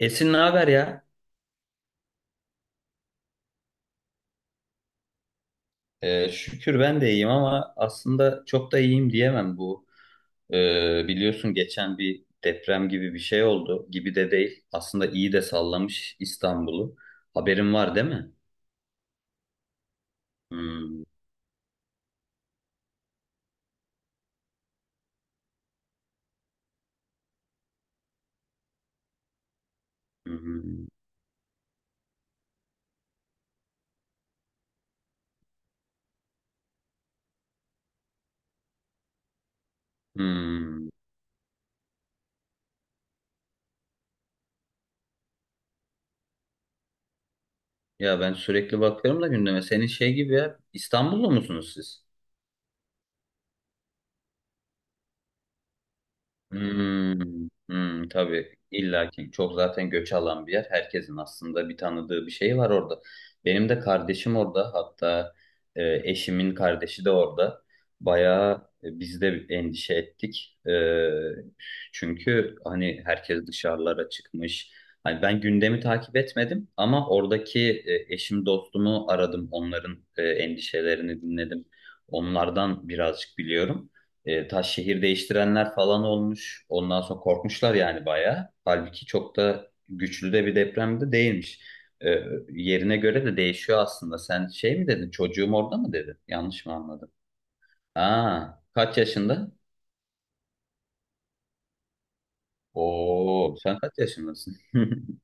Esin ne haber ya? Şükür ben de iyiyim ama aslında çok da iyiyim diyemem bu. Biliyorsun geçen bir deprem gibi bir şey oldu. Gibi de değil. Aslında iyi de sallamış İstanbul'u. Haberin var değil mi? Hmm, hmm, hmm. Ya ben sürekli bakıyorum da gündeme. Senin şey gibi ya. İstanbullu musunuz siz? Hmm, hmm, tabii illa ki çok zaten göç alan bir yer. Herkesin aslında bir tanıdığı bir şey var orada. Benim de kardeşim orada hatta eşimin kardeşi de orada. Bayağı biz de endişe ettik. Çünkü hani herkes dışarılara çıkmış. Hani ben gündemi takip etmedim ama oradaki eşim dostumu aradım. Onların endişelerini dinledim. Onlardan birazcık biliyorum. Taş şehir değiştirenler falan olmuş. Ondan sonra korkmuşlar yani bayağı. Halbuki çok da güçlü de bir deprem de değilmiş. E, Yerine göre de değişiyor aslında. Sen şey mi dedin? Çocuğum orada mı dedin? Yanlış mı anladım? Ha, kaç yaşında? Oo, sen kaç yaşındasın?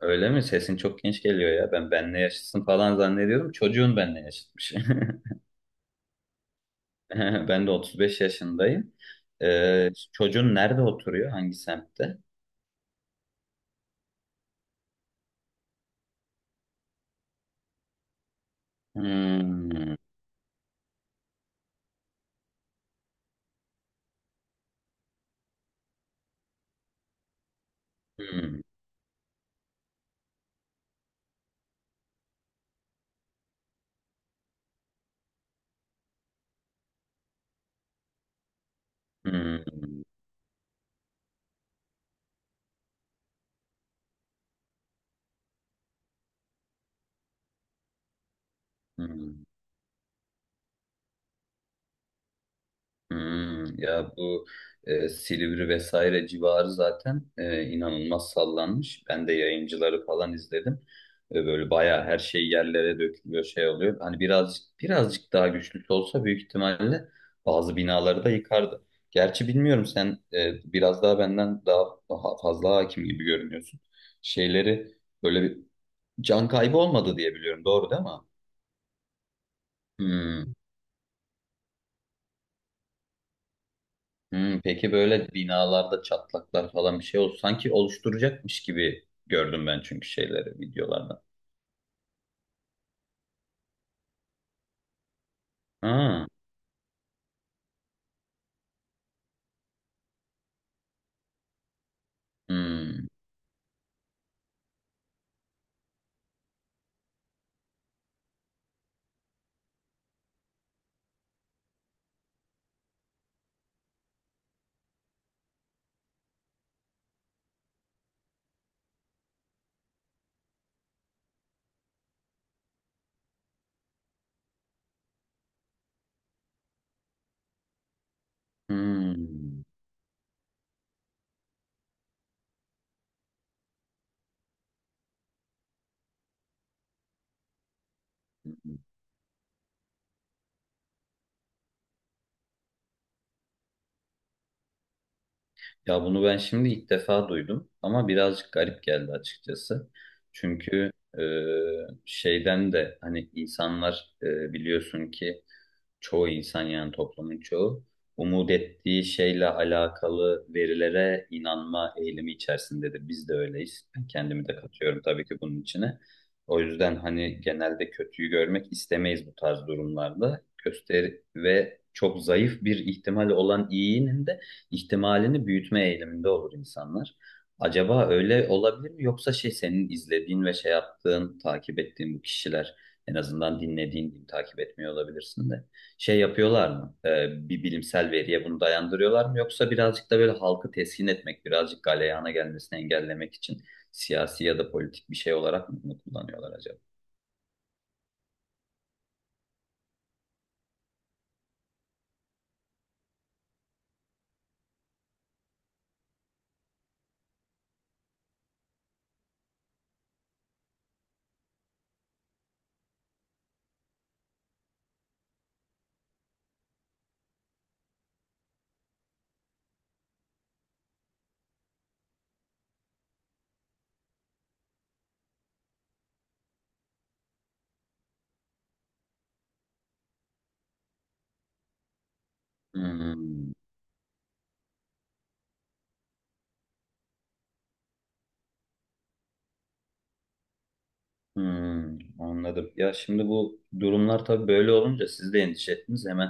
Öyle mi? Sesin çok genç geliyor ya. Ben benle yaşıtsın falan zannediyorum. Çocuğun benle yaşıtmış. Ben de 35 yaşındayım. Çocuğun nerede oturuyor? Hangi semtte? Hmm. Hmm. Hmm, hmm, hmm. Ya bu Silivri vesaire civarı zaten inanılmaz sallanmış. Ben de yayıncıları falan izledim. Böyle bayağı her şey yerlere dökülüyor, şey oluyor. Hani birazcık daha güçlüsü olsa büyük ihtimalle bazı binaları da yıkardı. Gerçi bilmiyorum sen biraz daha benden daha fazla hakim gibi görünüyorsun. Şeyleri böyle bir can kaybı olmadı diye biliyorum. Doğru değil mi? Hmm. Hmm, peki böyle binalarda çatlaklar falan bir şey oldu. Sanki oluşturacakmış gibi gördüm ben çünkü şeyleri videolarda. Ha, hmm, hmm. Ya bunu ben şimdi ilk defa duydum ama birazcık garip geldi açıkçası. Çünkü e, şeyden de hani insanlar biliyorsun ki çoğu insan yani toplumun çoğu umut ettiği şeyle alakalı verilere inanma eğilimi içerisindedir. Biz de öyleyiz. Ben kendimi de katıyorum tabii ki bunun içine. O yüzden hani genelde kötüyü görmek istemeyiz bu tarz durumlarda. Göster ve çok zayıf bir ihtimal olan iyinin de ihtimalini büyütme eğiliminde olur insanlar. Acaba öyle olabilir mi? Yoksa şey senin izlediğin ve şey yaptığın, takip ettiğin bu kişiler en azından dinlediğin diyeyim, takip etmiyor olabilirsin de şey yapıyorlar mı? Bir bilimsel veriye bunu dayandırıyorlar mı? Yoksa birazcık da böyle halkı teskin etmek, birazcık galeyana gelmesini engellemek için siyasi ya da politik bir şey olarak mı bunu kullanıyorlar acaba? Hmm. Hmm, anladım. Ya şimdi bu durumlar tabii böyle olunca siz de endişe ettiniz. Hemen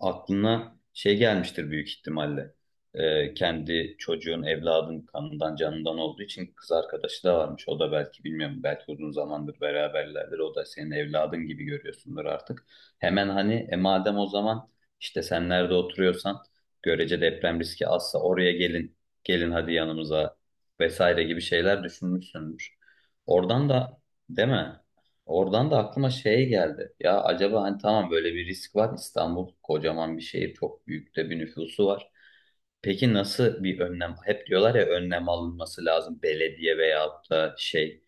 aklına şey gelmiştir büyük ihtimalle. Kendi çocuğun, evladın kanından, canından olduğu için kız arkadaşı da varmış. O da belki bilmiyorum, belki uzun zamandır beraberlerdir. O da senin evladın gibi görüyorsundur artık. Hemen hani madem o zaman işte sen nerede oturuyorsan görece deprem riski azsa oraya gelin, gelin hadi yanımıza vesaire gibi şeyler düşünmüşsündür. Oradan da değil mi? Oradan da aklıma şey geldi. Ya acaba hani tamam böyle bir risk var. İstanbul kocaman bir şehir, çok büyük de bir nüfusu var. Peki nasıl bir önlem? Hep diyorlar ya önlem alınması lazım belediye veyahut da şey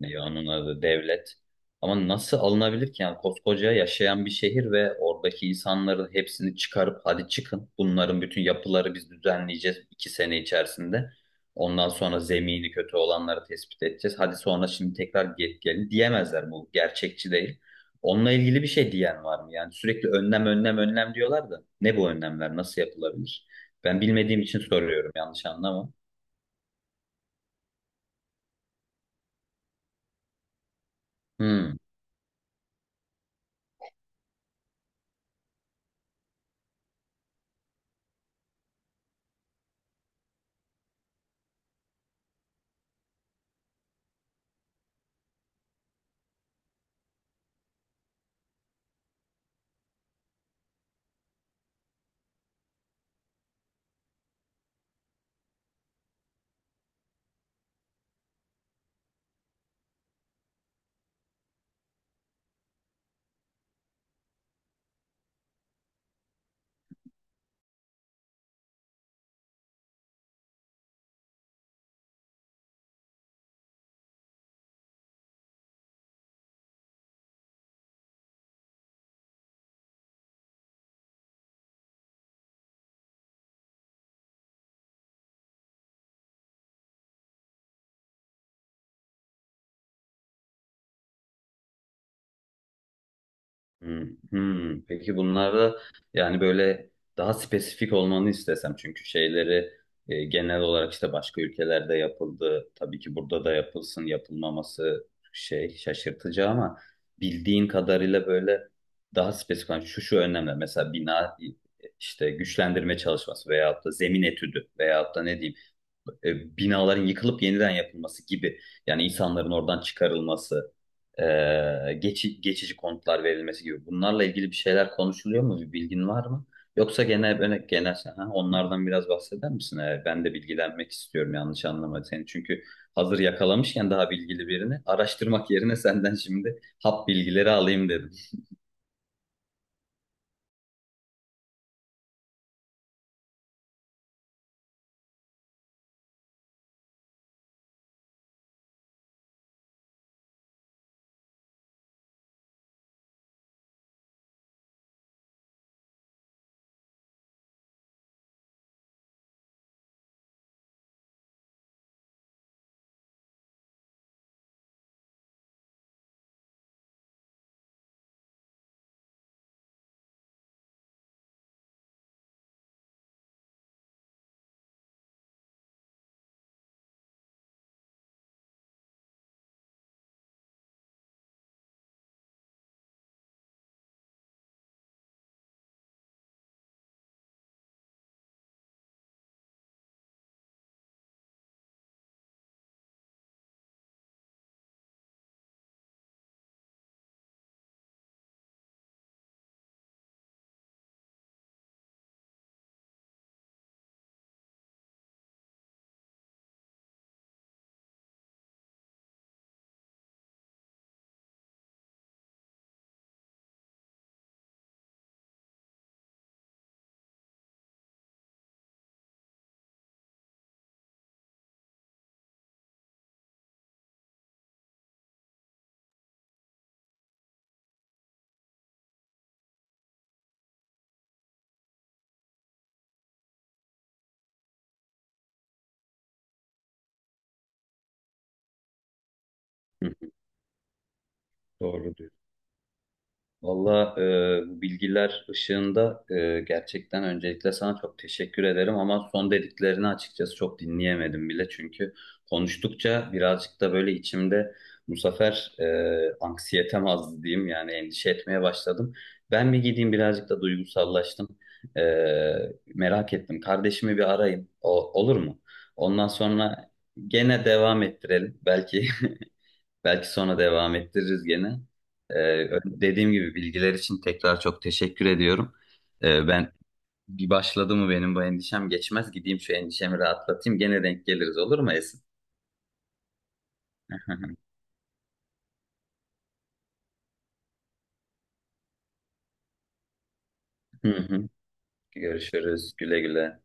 ne onun adı devlet. Ama nasıl alınabilir ki yani koskoca yaşayan bir şehir ve oradaki insanların hepsini çıkarıp hadi çıkın bunların bütün yapıları biz düzenleyeceğiz iki sene içerisinde. Ondan sonra zemini kötü olanları tespit edeceğiz. Hadi sonra şimdi tekrar gelin diyemezler bu gerçekçi değil. Onunla ilgili bir şey diyen var mı? Yani sürekli önlem önlem önlem diyorlar da ne bu önlemler nasıl yapılabilir? Ben bilmediğim için soruyorum yanlış anlama. Hmm. Hmm, hmm. Peki bunlarda yani böyle daha spesifik olmanı istesem çünkü şeyleri genel olarak işte başka ülkelerde yapıldı. Tabii ki burada da yapılsın yapılmaması şey şaşırtıcı ama bildiğin kadarıyla böyle daha spesifik. Yani şu şu önemli mesela bina işte güçlendirme çalışması veyahut da zemin etüdü veyahut da ne diyeyim binaların yıkılıp yeniden yapılması gibi yani insanların oradan çıkarılması, e, geçici konutlar verilmesi gibi bunlarla ilgili bir şeyler konuşuluyor mu? Bir bilgin var mı? Yoksa genel böyle genel ha, onlardan biraz bahseder misin? Ben de bilgilenmek istiyorum yanlış anlama seni. Çünkü hazır yakalamışken daha bilgili birini araştırmak yerine senden şimdi hap bilgileri alayım dedim. Doğru diyorsun. Valla bu bilgiler ışığında gerçekten öncelikle sana çok teşekkür ederim ama son dediklerini açıkçası çok dinleyemedim bile çünkü konuştukça birazcık da böyle içimde bu sefer anksiyetem azdı diyeyim yani endişe etmeye başladım. Ben bir gideyim birazcık da duygusallaştım. E, Merak ettim. Kardeşimi bir arayayım. O, olur mu? Ondan sonra gene devam ettirelim. Belki Belki sonra devam ettiririz gene. Ee, Dediğim gibi bilgiler için tekrar çok teşekkür ediyorum. Ben bir başladı mı benim bu endişem geçmez. Gideyim şu endişemi rahatlatayım. Gene denk geliriz olur mu Esin? Hı hı. Görüşürüz. Güle güle.